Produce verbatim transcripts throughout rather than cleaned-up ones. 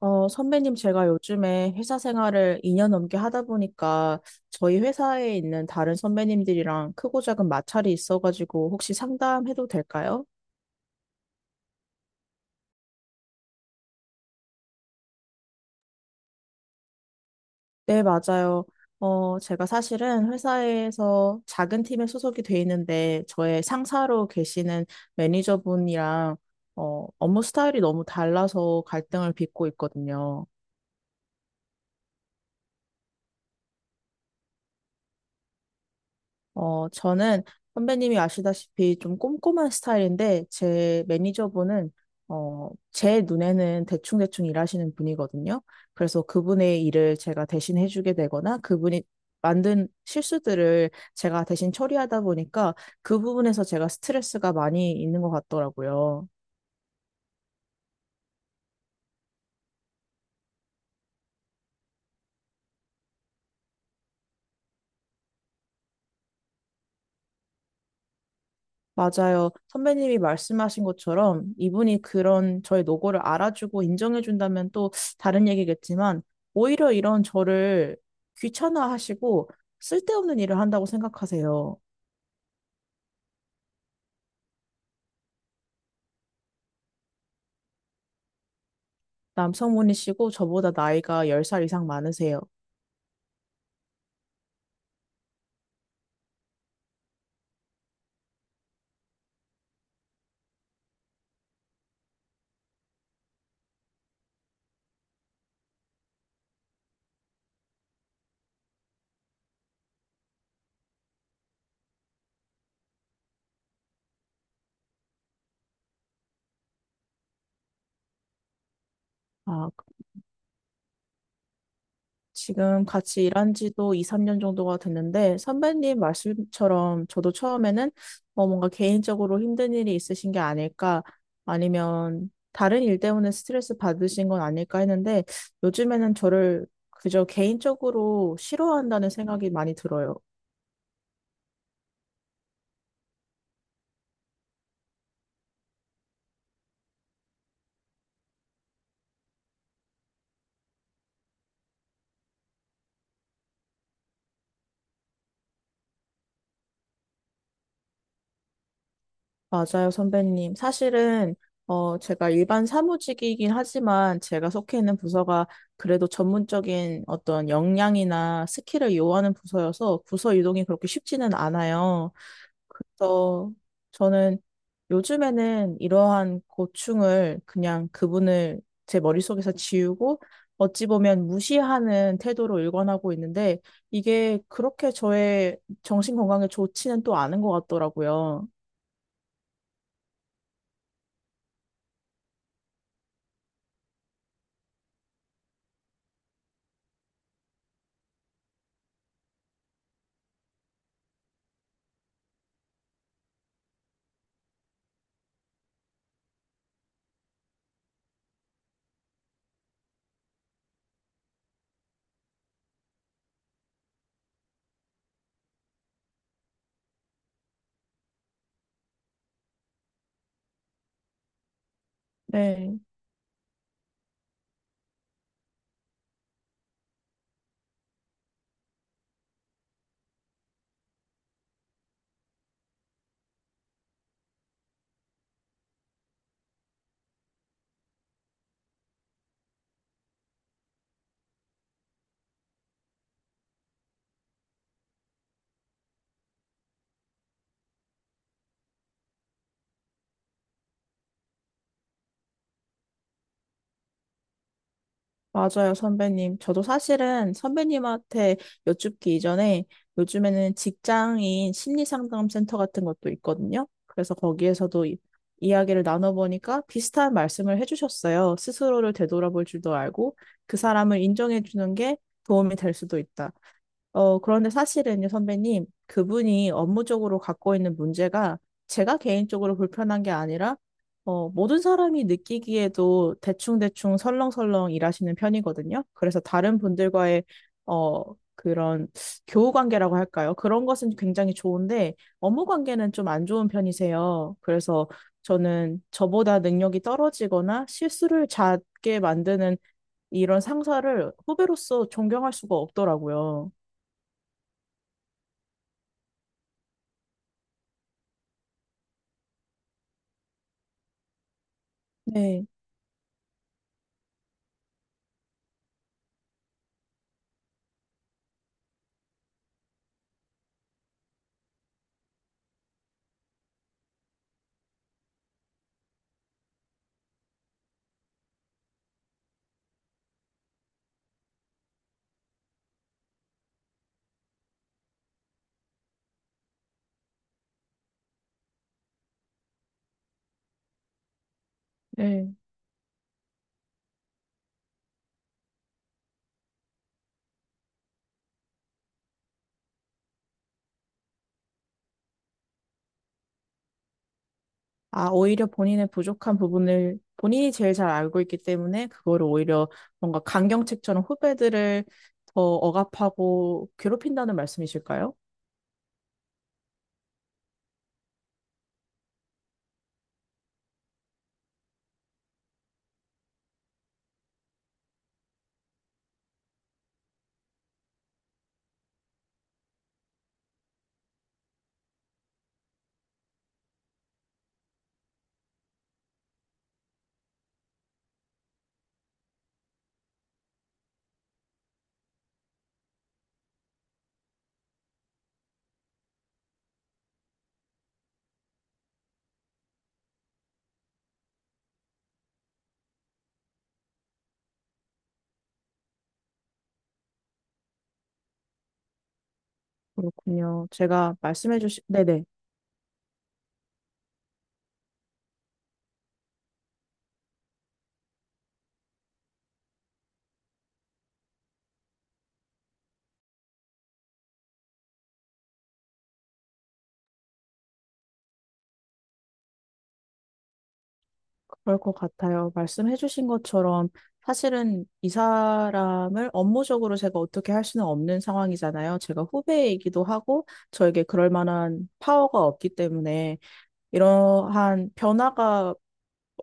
어, 선배님, 제가 요즘에 회사 생활을 이 년 넘게 하다 보니까 저희 회사에 있는 다른 선배님들이랑 크고 작은 마찰이 있어가지고 혹시 상담해도 될까요? 네, 맞아요. 어, 제가 사실은 회사에서 작은 팀에 소속이 돼 있는데 저의 상사로 계시는 매니저분이랑 어, 업무 스타일이 너무 달라서 갈등을 빚고 있거든요. 어, 저는 선배님이 아시다시피 좀 꼼꼼한 스타일인데, 제 매니저분은, 어, 제 눈에는 대충대충 일하시는 분이거든요. 그래서 그분의 일을 제가 대신 해주게 되거나, 그분이 만든 실수들을 제가 대신 처리하다 보니까, 그 부분에서 제가 스트레스가 많이 있는 것 같더라고요. 맞아요. 선배님이 말씀하신 것처럼 이분이 그런 저의 노고를 알아주고 인정해준다면 또 다른 얘기겠지만 오히려 이런 저를 귀찮아하시고 쓸데없는 일을 한다고 생각하세요. 남성분이시고 저보다 나이가 열 살 이상 많으세요. 아, 지금 같이 일한 지도 이, 삼 년 정도가 됐는데, 선배님 말씀처럼 저도 처음에는 어, 뭔가 개인적으로 힘든 일이 있으신 게 아닐까, 아니면 다른 일 때문에 스트레스 받으신 건 아닐까 했는데, 요즘에는 저를 그저 개인적으로 싫어한다는 생각이 많이 들어요. 맞아요, 선배님. 사실은, 어, 제가 일반 사무직이긴 하지만 제가 속해 있는 부서가 그래도 전문적인 어떤 역량이나 스킬을 요하는 부서여서 부서 이동이 그렇게 쉽지는 않아요. 그래서 저는 요즘에는 이러한 고충을 그냥 그분을 제 머릿속에서 지우고 어찌 보면 무시하는 태도로 일관하고 있는데 이게 그렇게 저의 정신 건강에 좋지는 또 않은 것 같더라고요. 네. 맞아요, 선배님. 저도 사실은 선배님한테 여쭙기 이전에 요즘에는 직장인 심리상담센터 같은 것도 있거든요. 그래서 거기에서도 이, 이야기를 나눠보니까 비슷한 말씀을 해주셨어요. 스스로를 되돌아볼 줄도 알고 그 사람을 인정해주는 게 도움이 될 수도 있다. 어, 그런데 사실은요, 선배님, 그분이 업무적으로 갖고 있는 문제가 제가 개인적으로 불편한 게 아니라, 어, 모든 사람이 느끼기에도 대충대충 설렁설렁 일하시는 편이거든요. 그래서 다른 분들과의, 어, 그런 교우 관계라고 할까요? 그런 것은 굉장히 좋은데, 업무 관계는 좀 안 좋은 편이세요. 그래서 저는 저보다 능력이 떨어지거나 실수를 잦게 만드는 이런 상사를 후배로서 존경할 수가 없더라고요. 네. 네. 아, 오히려 본인의 부족한 부분을 본인이 제일 잘 알고 있기 때문에 그거를 오히려 뭔가 강경책처럼 후배들을 더 억압하고 괴롭힌다는 말씀이실까요? 그렇군요. 제가 말씀해 주신, 네네, 그럴 것 같아요. 말씀해 주신 것처럼 사실은 이 사람을 업무적으로 제가 어떻게 할 수는 없는 상황이잖아요. 제가 후배이기도 하고 저에게 그럴 만한 파워가 없기 때문에 이러한 변화가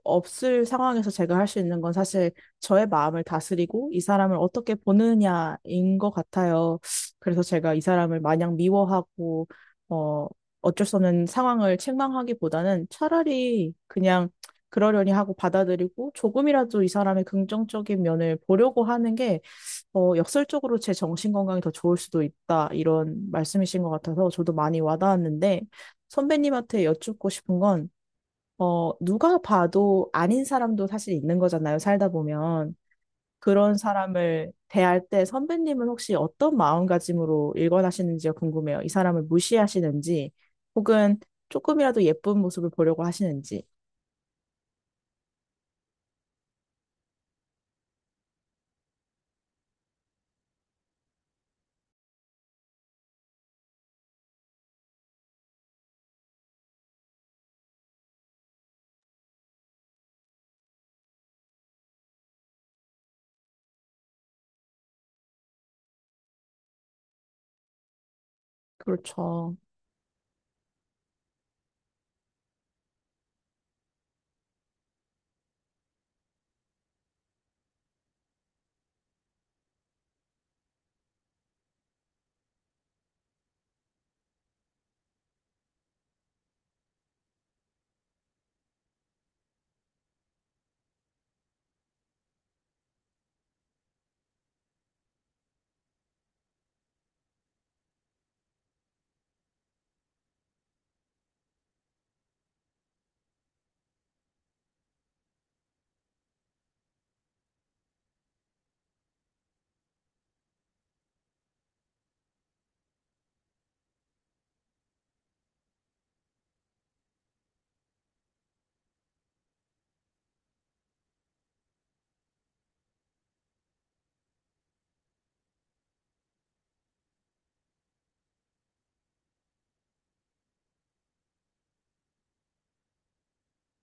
없을 상황에서 제가 할 수 있는 건 사실 저의 마음을 다스리고 이 사람을 어떻게 보느냐인 것 같아요. 그래서 제가 이 사람을 마냥 미워하고, 어, 어쩔 수 없는 상황을 책망하기보다는 차라리 그냥 그러려니 하고 받아들이고 조금이라도 이 사람의 긍정적인 면을 보려고 하는 게, 어, 역설적으로 제 정신 건강이 더 좋을 수도 있다. 이런 말씀이신 것 같아서 저도 많이 와닿았는데, 선배님한테 여쭙고 싶은 건 어, 누가 봐도 아닌 사람도 사실 있는 거잖아요, 살다 보면. 그런 사람을 대할 때 선배님은 혹시 어떤 마음가짐으로 일관하시는지가 궁금해요. 이 사람을 무시하시는지, 혹은 조금이라도 예쁜 모습을 보려고 하시는지. 그렇죠.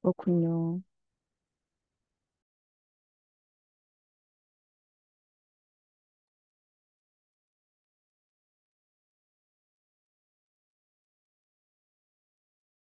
그렇군요.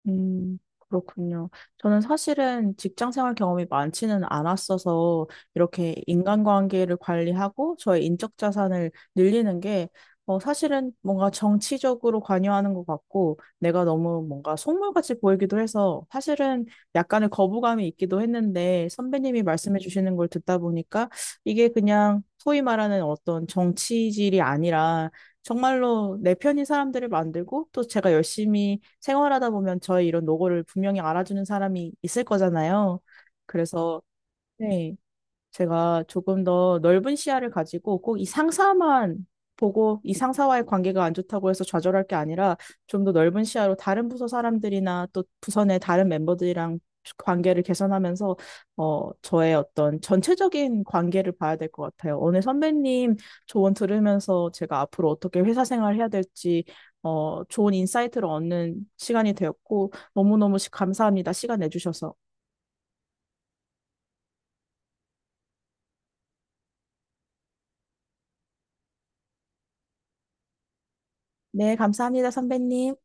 음, 그렇군요. 저는 사실은 직장 생활 경험이 많지는 않았어서 이렇게 인간관계를 관리하고 저의 인적 자산을 늘리는 게 어, 사실은 뭔가 정치적으로 관여하는 것 같고 내가 너무 뭔가 속물같이 보이기도 해서 사실은 약간의 거부감이 있기도 했는데 선배님이 말씀해 주시는 걸 듣다 보니까 이게 그냥 소위 말하는 어떤 정치질이 아니라 정말로 내 편인 사람들을 만들고 또 제가 열심히 생활하다 보면 저의 이런 노고를 분명히 알아주는 사람이 있을 거잖아요. 그래서 네, 제가 조금 더 넓은 시야를 가지고 꼭 이 상사만 보고 이 상사와의 관계가 안 좋다고 해서 좌절할 게 아니라 좀 더 넓은 시야로 다른 부서 사람들이나 또 부서 내 다른 멤버들이랑 관계를 개선하면서 어, 저의 어떤 전체적인 관계를 봐야 될 것 같아요. 오늘 선배님 조언 들으면서 제가 앞으로 어떻게 회사 생활을 해야 될지 어, 좋은 인사이트를 얻는 시간이 되었고 너무너무 시- 감사합니다. 시간 내주셔서. 네, 감사합니다, 선배님.